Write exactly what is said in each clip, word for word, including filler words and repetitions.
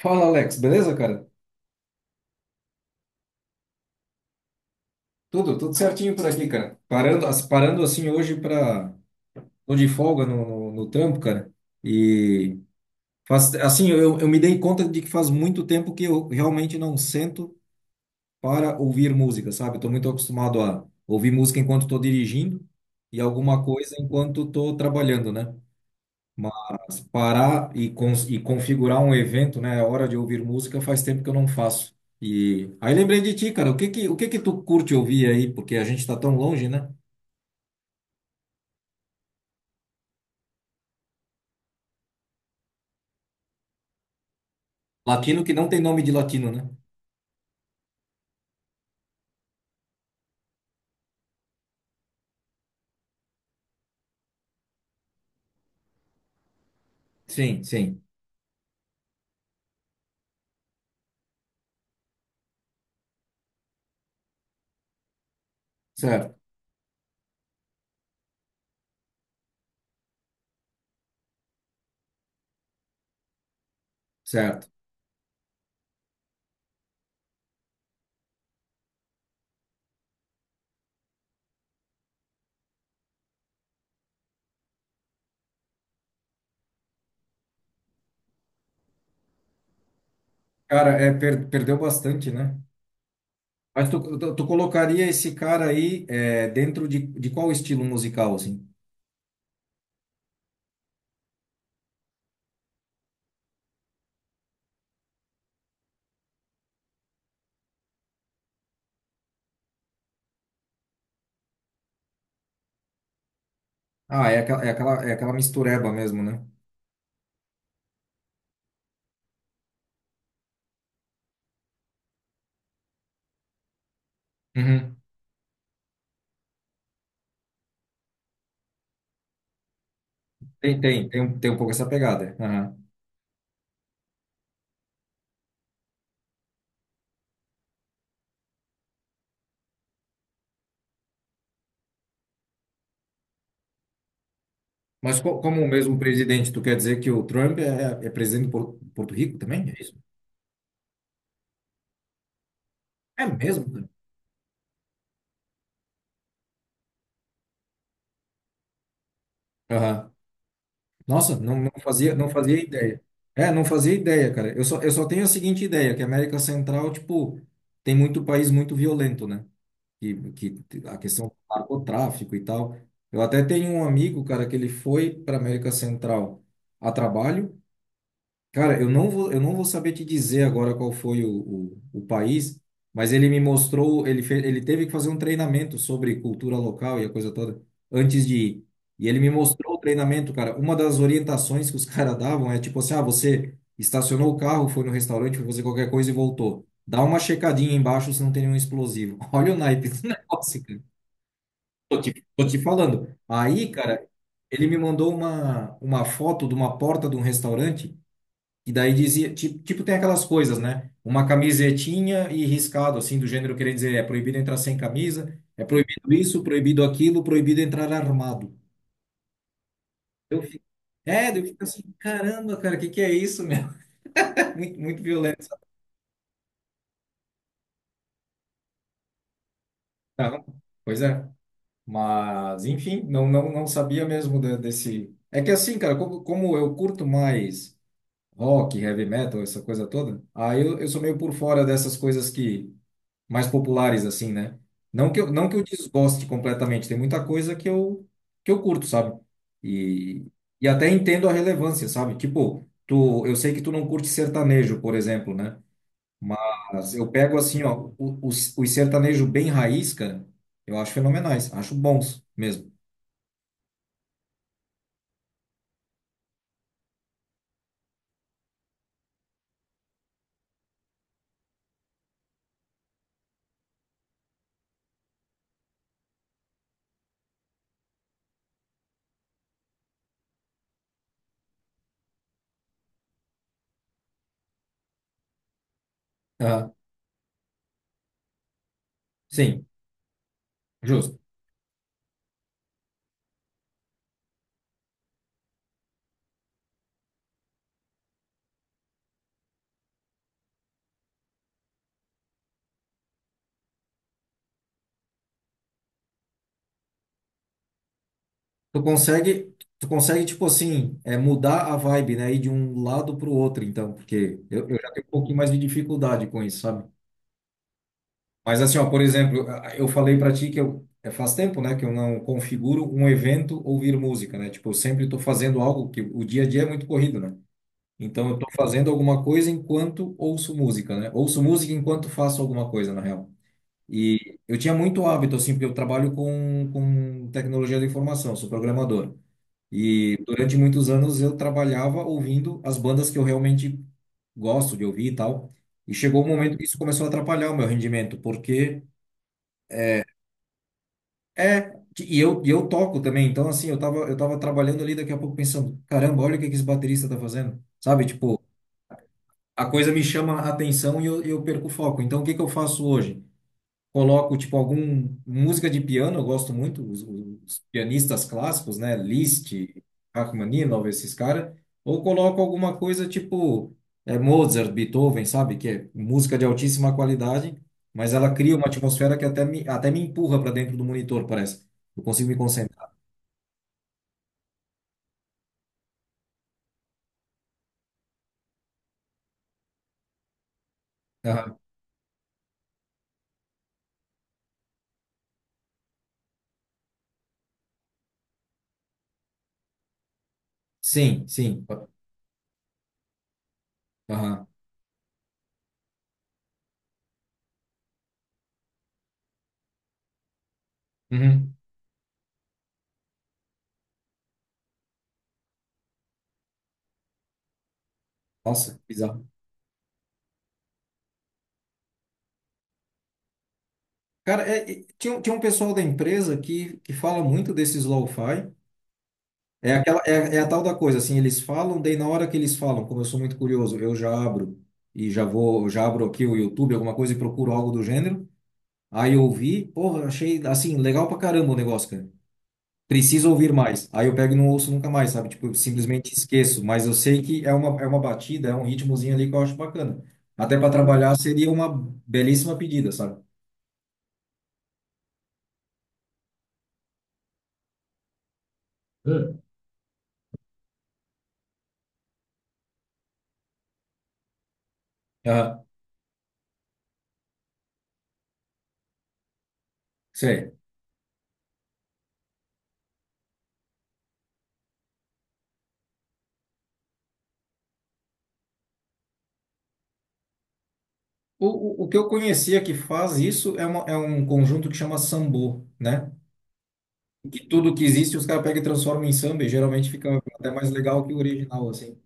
Fala, Alex, beleza, cara? Tudo, tudo certinho por aqui, cara. Parando, as- parando assim hoje para tô de folga no, no, no trampo, cara. E faz, assim, eu, eu me dei conta de que faz muito tempo que eu realmente não sento para ouvir música, sabe? Eu tô muito acostumado a ouvir música enquanto tô dirigindo e alguma coisa enquanto tô trabalhando, né? Parar e, cons- e configurar um evento, né? A hora de ouvir música faz tempo que eu não faço. E aí lembrei de ti, cara. O que que, o que que tu curte ouvir aí? Porque a gente tá tão longe, né? Latino que não tem nome de latino, né? Sim, sim. Certo, certo. Cara, é, per- perdeu bastante, né? Mas tu, tu, tu colocaria esse cara aí é, dentro de, de qual estilo musical, assim? Ah, é aquela, é aquela, é aquela mistureba mesmo, né? Uhum. Tem, tem, tem, um- tem um pouco essa pegada. Mas co- como o mesmo presidente, tu quer dizer que o Trump é, é presidente de Por- Porto Rico também? É isso? É mesmo, cara. Aham. Nossa, não, não fazia, não fazia ideia. É, não fazia ideia, cara. Eu só, eu só tenho a seguinte ideia, que a América Central, tipo, tem muito país muito violento, né? Que, que a questão do narcotráfico e tal. Eu até tenho um amigo, cara, que ele foi para América Central a trabalho. Cara, eu não vou, eu não vou saber te dizer agora qual foi o, o, o país, mas ele me mostrou, ele fez, ele teve que fazer um treinamento sobre cultura local e a coisa toda antes de ir. E ele me mostrou o treinamento, cara. Uma das orientações que os caras davam é tipo assim: ah, você estacionou o carro, foi no restaurante, foi fazer qualquer coisa e voltou. Dá uma checadinha embaixo se não tem nenhum explosivo. Olha o naipe do negócio, cara. Tô te, tô te falando. Aí, cara, ele me mandou uma, uma foto de uma porta de um restaurante. E daí dizia, tipo, tipo, tem aquelas coisas, né? Uma camisetinha e riscado, assim, do gênero querendo dizer, é proibido entrar sem camisa, é proibido isso, proibido aquilo, proibido entrar armado. Eu fico, é, eu fico assim, caramba, cara, o que que é isso, meu? Muito, muito violento. Tá? Pois é. Mas, enfim, não, não, não sabia mesmo de- desse... É que assim, cara, como, como eu curto mais rock, heavy metal, essa coisa toda, aí eu, eu sou meio por fora dessas coisas que mais populares, assim, né? Não que eu, não que eu desgoste completamente, tem muita coisa que eu, que eu curto, sabe? E, e até entendo a relevância, sabe? Tipo, tu, eu sei que tu não curte sertanejo, por exemplo, né? Mas eu pego assim, ó, o- os, os sertanejos bem raiz, cara, eu acho fenomenais, acho bons mesmo. Ah, sim, justo. Tu consegue, tu consegue, tipo assim, é, mudar a vibe, né? Ir de um lado pro outro, então, porque eu, eu já tenho um pouquinho mais de dificuldade com isso, sabe? Mas assim, ó, por exemplo, eu falei para ti que eu é, faz tempo, né, que eu não configuro um evento ouvir música, né? Tipo, eu sempre estou fazendo algo que o dia a dia é muito corrido, né? Então eu estou fazendo alguma coisa enquanto ouço música, né? Ouço música enquanto faço alguma coisa, na real. E eu tinha muito hábito assim, porque eu trabalho com com tecnologia da informação, sou programador. E durante muitos anos eu trabalhava ouvindo as bandas que eu realmente gosto de ouvir e tal. E chegou um momento que isso começou a atrapalhar o meu rendimento, porque é, e eu, e eu toco também, então assim, eu tava, eu tava trabalhando ali, daqui a pouco pensando, caramba, olha o que que esse baterista tá fazendo, sabe? Tipo, a coisa me chama a atenção e eu, eu perco o foco. Então, o que que eu faço hoje? Coloco tipo algum música de piano, eu gosto muito os, os pianistas clássicos, né, Liszt, Rachmaninoff, esses caras, ou coloco alguma coisa tipo é, Mozart, Beethoven, sabe, que é música de altíssima qualidade, mas ela cria uma atmosfera que até me até me empurra para dentro do monitor, parece. Eu consigo me concentrar. Aham. Sim, sim. Aham. Uhum. Nossa, bizarro. Cara, é, é, tinha, um- tinha um pessoal da empresa que, que fala muito desses lo-fi. É aquela, é, é a tal da coisa, assim, eles falam, daí na hora que eles falam, como eu sou muito curioso, eu já abro e já vou, já abro aqui o YouTube, alguma coisa e procuro algo do gênero. Aí eu ouvi, porra, achei, assim, legal pra caramba o negócio, cara. Preciso ouvir mais. Aí eu pego e não ouço nunca mais, sabe? Tipo, eu simplesmente esqueço, mas eu sei que é uma, é uma batida, é um ritmozinho ali que eu acho bacana. Até pra trabalhar seria uma belíssima pedida, sabe? Hum. Ah, sei. O, o, o que eu conhecia que faz isso é, uma, é um conjunto que chama sambô, né? Que tudo que existe os caras pegam e transformam em samba e geralmente fica até mais legal que o original, assim.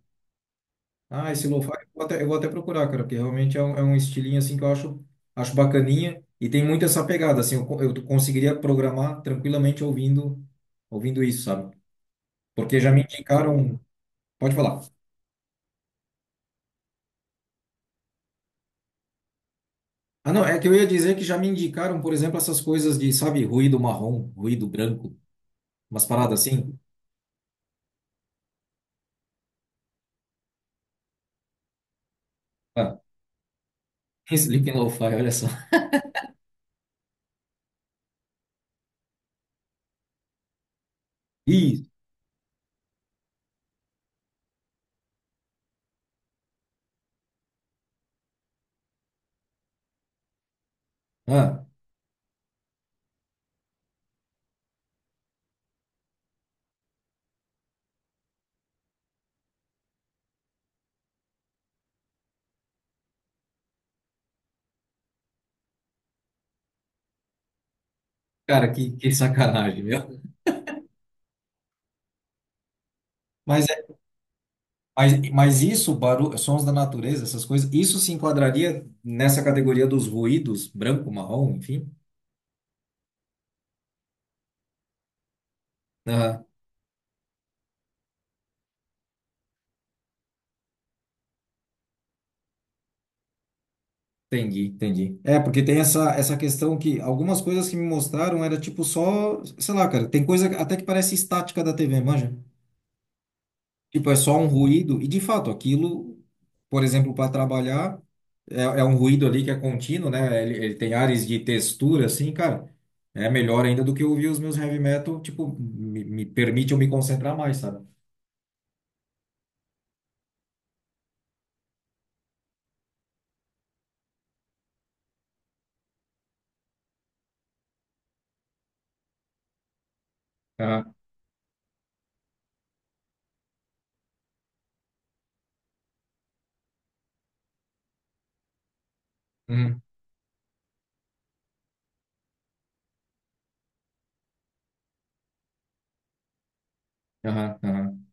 Ah, esse lo-fi eu vou até, eu vou até procurar, cara, porque realmente é um, é um estilinho assim que eu acho, acho bacaninha e tem muito essa pegada, assim, eu, co- eu conseguiria programar tranquilamente ouvindo, ouvindo isso, sabe? Porque já me indicaram, pode falar. Ah, não, é que eu ia dizer que já me indicaram, por exemplo, essas coisas de, sabe, ruído marrom, ruído branco, umas paradas assim. Ah, Sleeping Lo-Fi, olha só. Isso. Ah, cara, que, que sacanagem, meu. Mas Mas, mas isso, barulho, sons da natureza, essas coisas, isso se enquadraria nessa categoria dos ruídos, branco, marrom, enfim? Aham, entendi, entendi. É, porque tem essa, essa questão que algumas coisas que me mostraram era tipo só, sei lá, cara, tem coisa até que parece estática da T V, manja? Tipo, é só um ruído, e de fato, aquilo, por exemplo, para trabalhar, é, é um ruído ali que é contínuo, né? Ele, ele tem ares de textura, assim, cara. É melhor ainda do que eu ouvir os meus heavy metal, tipo, me, me permite eu me concentrar mais, sabe? Aham, uhum, aham, aham.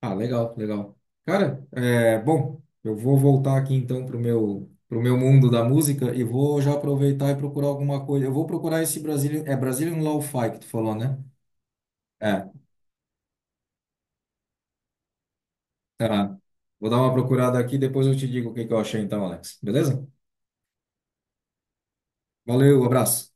Ah, legal, legal. Cara, é, bom, eu vou voltar aqui então pro meu, pro meu mundo da música e vou já aproveitar e procurar alguma coisa. Eu vou procurar esse Brazilian, é Brazilian Lo-Fi que tu falou, né? É. Tá. Vou dar uma procurada aqui, depois eu te digo o que que eu achei então, Alex. Beleza? Valeu, abraço.